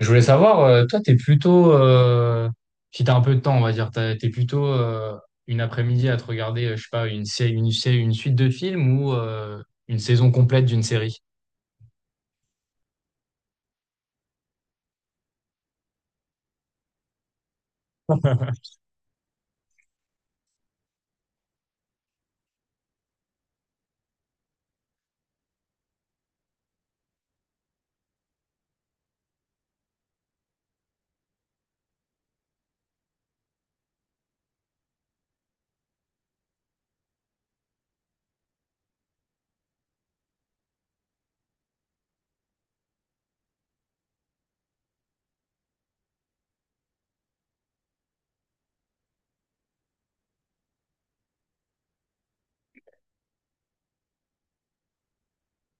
Je voulais savoir, toi, t'es plutôt, si t'as un peu de temps, on va dire, t'es plutôt une après-midi à te regarder, je sais pas, une série, une suite de films ou une saison complète d'une série?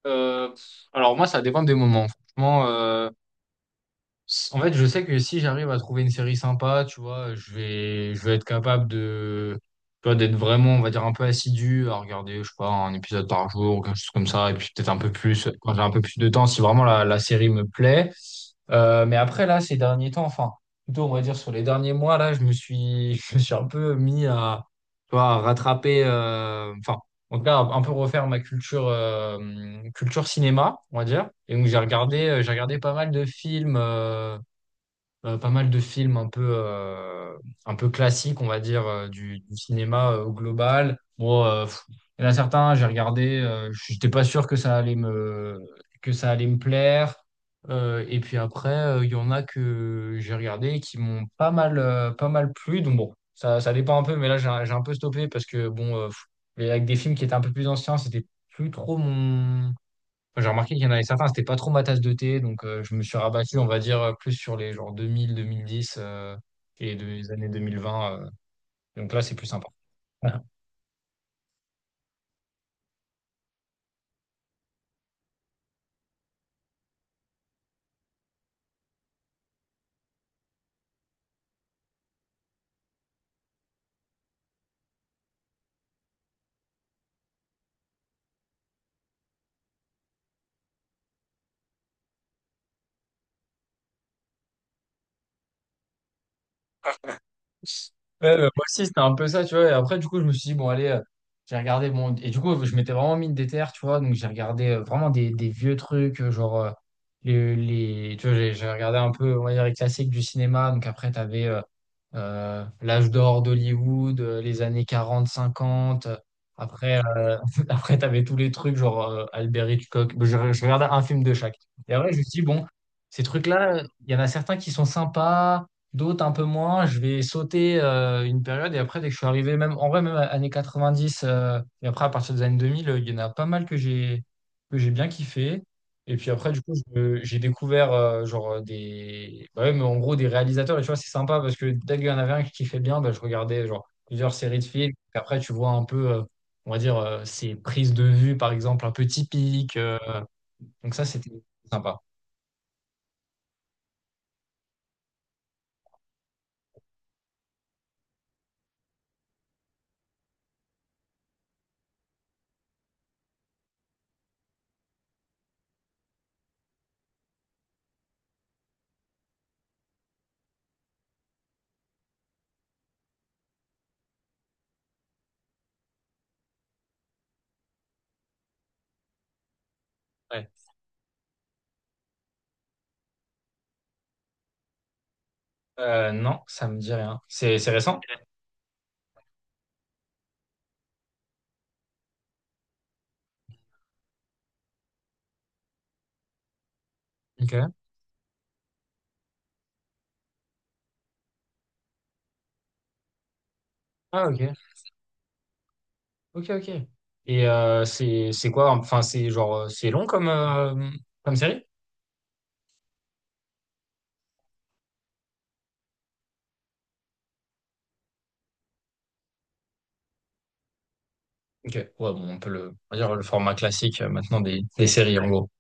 Euh, alors moi, ça dépend des moments. Franchement, en fait, je sais que si j'arrive à trouver une série sympa, tu vois, je vais être capable de, tu vois, d'être vraiment, on va dire, un peu assidu à regarder, je sais pas, un épisode par jour ou quelque chose comme ça, et puis peut-être un peu plus quand j'ai un peu plus de temps, si vraiment la série me plaît. Mais après, là, ces derniers temps, enfin, plutôt, on va dire sur les derniers mois, là, je me suis, je me suis un peu mis à, tu vois, à rattraper, enfin, en tout cas, à un peu refaire ma culture, culture cinéma, on va dire. Et donc, j'ai regardé pas mal de films. Pas mal de films un peu classiques, on va dire, du cinéma au global. Bon, il y en a certains, j'ai regardé, j'étais pas sûr que ça allait me, que ça allait me plaire. Et puis après, il y en a que j'ai regardé et qui m'ont pas mal, pas mal plu. Donc bon, ça dépend un peu, mais là, j'ai un peu stoppé parce que, avec des films qui étaient un peu plus anciens, c'était plus trop mon. J'ai remarqué qu'il y en avait certains, c'était pas trop ma tasse de thé, donc je me suis rabattu, on va dire, plus sur les genre 2000, 2010 et des années 2020. Donc là, c'est plus sympa. Ouais, bah, moi aussi, c'était un peu ça, tu vois. Et après, du coup, je me suis dit, bon, allez, j'ai regardé bon. Et du coup, je m'étais vraiment mis une déterre, tu vois. Donc, j'ai regardé vraiment des vieux trucs, tu vois, j'ai regardé un peu, on va dire, les classiques du cinéma. Donc, après, tu avais l'âge d'or d'Hollywood, les années 40 50. Après, après tu avais tous les trucs, Albert Hitchcock. Bon, je regardais un film de chaque. Et après, je me suis dit, bon, ces trucs-là, il y en a certains qui sont sympas, d'autres un peu moins. Je vais sauter une période. Et après, dès que je suis arrivé, même en vrai, années 90, et après, à partir des années 2000, il y en a pas mal que j'ai bien kiffé. Et puis après, du coup, j'ai découvert des. Bah ouais, mais en gros, des réalisateurs. Et tu vois, c'est sympa parce que dès qu'il y en avait un qui fait bien, bah, je regardais genre plusieurs séries de films. Et après, tu vois un peu, on va dire, ces prises de vue, par exemple, un peu typiques. Donc ça, c'était sympa. Ouais. Non, ça me dit rien. C'est récent? Ok. Ah, ok. Ok, ok. Et c'est quoi? Enfin, c'est genre, c'est long comme, comme série? Ok. Ouais, bon, on peut le, on va dire le format classique maintenant des séries, en gros.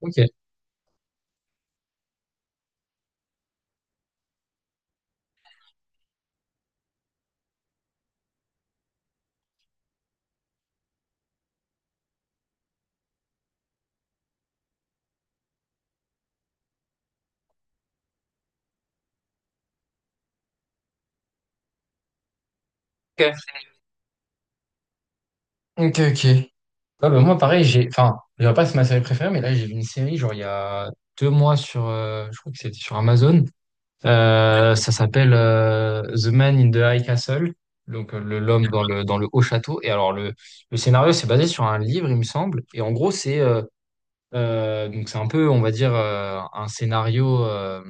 Ok. Ok. Ok, ok. Ouais, bah, moi, pareil, j'ai. Enfin, je dirais pas que c'est ma série préférée, mais là, j'ai vu une série, genre, il y a 2 mois sur. Je crois que c'était sur Amazon. Ça s'appelle The Man in the High Castle. Donc, l'homme dans dans le haut château. Et alors, le scénario, c'est basé sur un livre, il me semble. Et en gros, c'est. Donc, c'est un peu, on va dire, un scénario.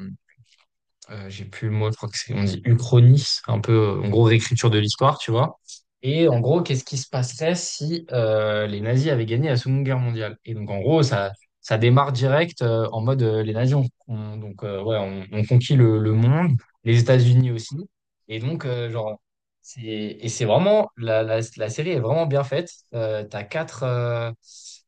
J'ai plus le mot, je crois que c'est, on dit uchronie, un peu, en gros, réécriture de l'histoire, tu vois. Et en gros, qu'est-ce qui se passerait si les nazis avaient gagné la Seconde Guerre mondiale? Et donc, en gros, ça démarre direct en mode les nazis ont conquis le monde, les États-Unis aussi. Et donc, et c'est vraiment, la série est vraiment bien faite.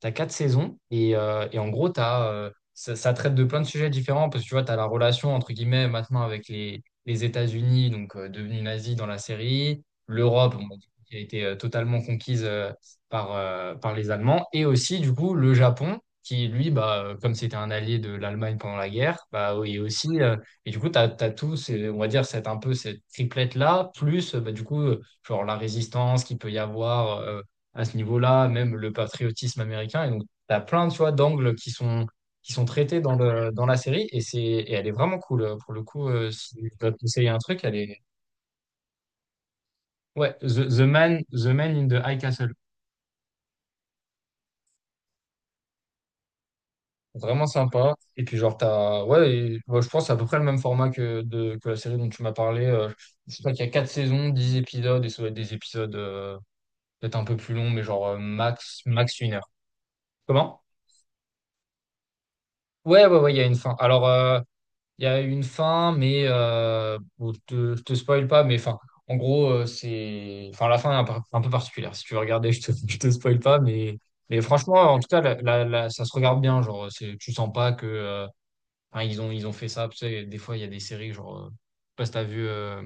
T'as 4 saisons et en gros, t'as ça, ça traite de plein de sujets différents parce que tu vois, tu as la relation entre guillemets maintenant avec les États-Unis, donc devenus nazis dans la série, l'Europe bon, bah, du coup, qui a été totalement conquise par les Allemands, et aussi du coup le Japon qui, lui, comme c'était un allié de l'Allemagne pendant la guerre, bah, oui, aussi, et du coup, tu as, tout, c'est on va dire, cette, un peu cette triplette-là, plus genre la résistance qu'il peut y avoir à ce niveau-là, même le patriotisme américain, et donc tu as plein, tu vois, d'angles qui sont traités dans dans la série, et c'est et elle est vraiment cool pour le coup. Si je dois te conseiller un truc, elle est ouais. The Man in the High Castle, vraiment sympa, et puis genre t'as ouais ouais, je pense que c'est à peu près le même format que la série dont tu m'as parlé. Je crois qu'il y a 4 saisons 10 épisodes et ça doit être des épisodes peut-être un peu plus longs, mais genre max une heure. Comment? Ouais, ouais, ouais, il y a une fin. Il y a une fin, mais bon, je te spoil pas, mais enfin, en gros, c'est, enfin, la fin est un, un peu particulière. Si tu veux regarder, je te, je te spoil pas, mais franchement, en tout cas, ça se regarde bien. Genre, c'est, tu sens pas que, hein, ils ont fait ça. Tu sais, des fois, il y a des séries, genre, je sais pas si t'as vu euh,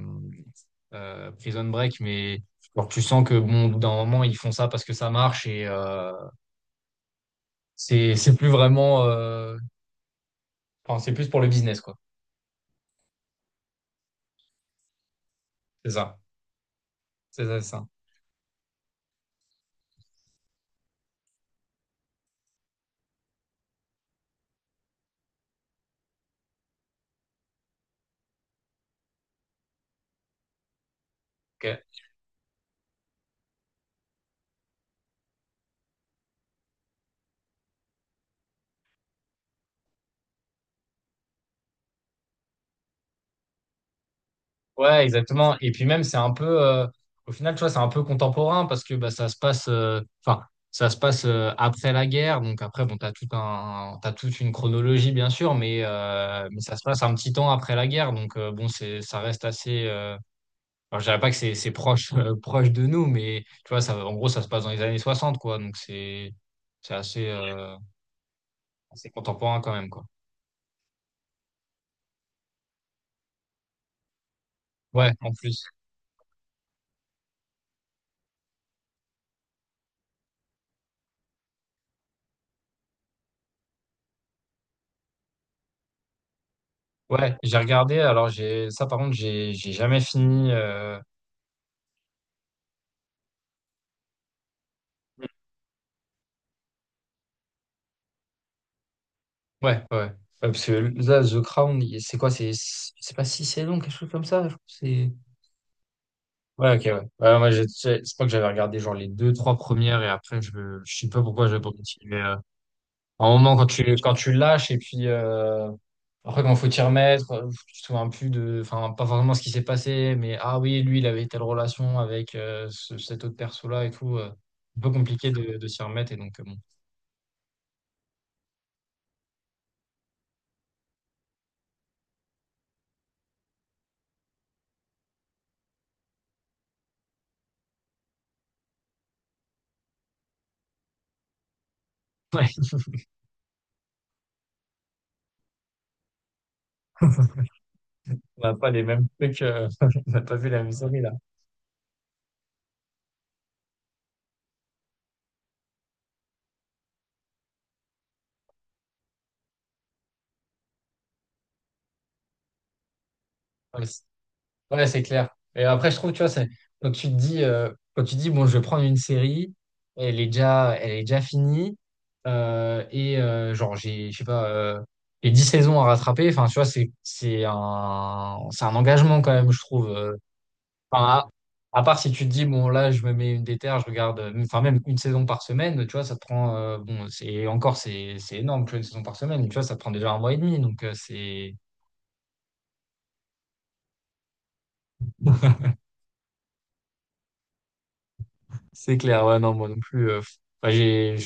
euh, Prison Break, mais genre, tu sens que, bon, au bout d'un moment, ils font ça parce que ça marche et c'est plus vraiment, enfin, c'est plus pour le business, quoi. C'est ça, c'est ça, c'est ça. Ok. Ouais, exactement. Et puis même, c'est un peu, au final, tu vois, c'est un peu contemporain parce que bah, ça se passe, enfin, ça se passe après la guerre. Donc après, bon, t'as toute une chronologie, bien sûr, mais ça se passe un petit temps après la guerre. Donc bon, c'est, ça reste assez. Alors, je dirais pas que c'est, proche, proche de nous, mais tu vois, ça, en gros, ça se passe dans les années 60 quoi. Donc c'est assez, assez contemporain quand même, quoi. Ouais, en plus. Ouais, j'ai regardé. Ça, par contre, j'ai jamais fini. Ouais, ouais. Ouais, parce que là, The Crown, c'est quoi? C'est pas 6 saisons, quelque chose comme ça? Je crois que c'est... Ouais, ok, ouais. Ouais, moi, je crois que j'avais regardé genre les deux, trois premières et après, je sais pas pourquoi j'ai pas continué. À un moment, quand tu lâches et puis après, quand faut t'y remettre, tu te souviens plus de. Enfin, pas forcément ce qui s'est passé, mais ah oui, lui, il avait telle relation avec cet autre perso-là et tout. Un peu compliqué de s'y remettre et donc, bon. Ouais. On n'a pas les mêmes trucs, on n'a pas vu la même série là. Ouais, c'est clair. Et après, je trouve, tu vois, c'est quand tu dis, bon, je vais prendre une série, elle est déjà finie, genre, je sais pas, les 10 saisons à rattraper, enfin, tu vois, c'est un engagement quand même, je trouve. Enfin, à part si tu te dis, bon, là, je me mets une déterre, je regarde, enfin, même une saison par semaine, tu vois, ça te prend, bon, c'est encore, c'est énorme, tu vois, une saison par semaine, tu vois, ça te prend déjà un mois et demi, donc c'est... C'est clair, ouais, non, moi non plus. Enfin,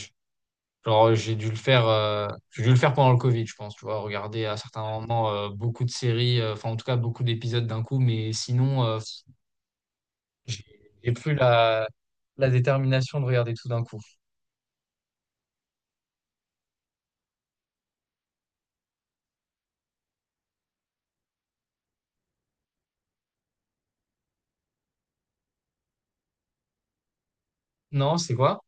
genre, j'ai dû le faire pendant le Covid, je pense, tu vois, regarder à certains moments beaucoup de séries, enfin en tout cas beaucoup d'épisodes d'un coup, mais sinon, j'ai j'ai plus la détermination de regarder tout d'un coup. Non, c'est quoi?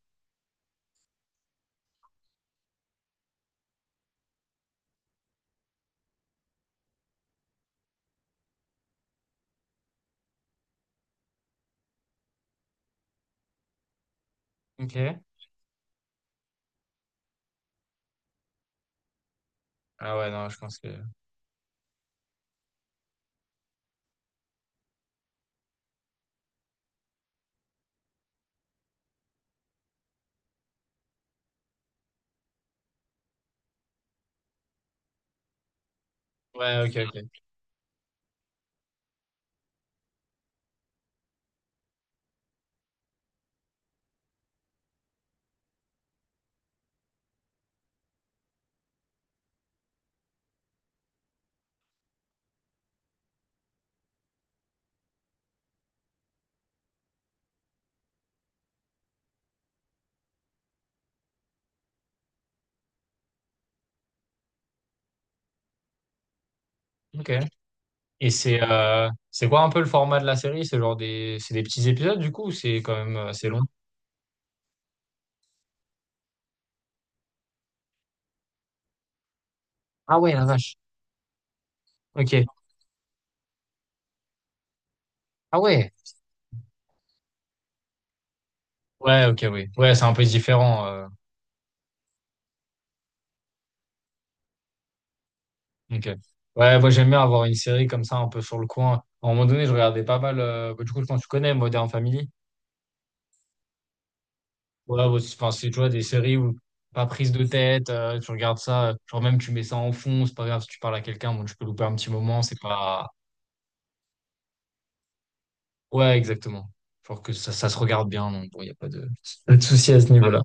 Ok. Ah ouais, non, je pense que... Ouais, ok, ok. Ok. C'est quoi un peu le format de la série? C'est des petits épisodes du coup, ou c'est quand même assez long? Ah ouais, la vache. Ok. Ah ouais. Ouais, ok, oui. Ouais, c'est un peu différent. Ok. Ouais, moi j'aime bien avoir une série comme ça, un peu sur le coin. À un moment donné, je regardais pas mal. Bah, du coup, je pense que tu connais Modern Family. Ouais, bah, enfin, c'est, tu vois, des séries où pas prise de tête, tu regardes ça, genre même tu mets ça en fond, c'est pas grave si tu parles à quelqu'un, bon, tu peux louper un petit moment, c'est pas. Ouais, exactement. Genre que ça se regarde bien, donc bon, il n'y a pas de souci à ce niveau-là.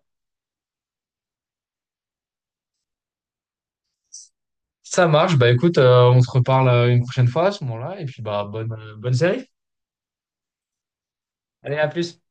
Ça marche, bah écoute, on se reparle une prochaine fois à ce moment-là, et puis bonne série. Allez, à plus.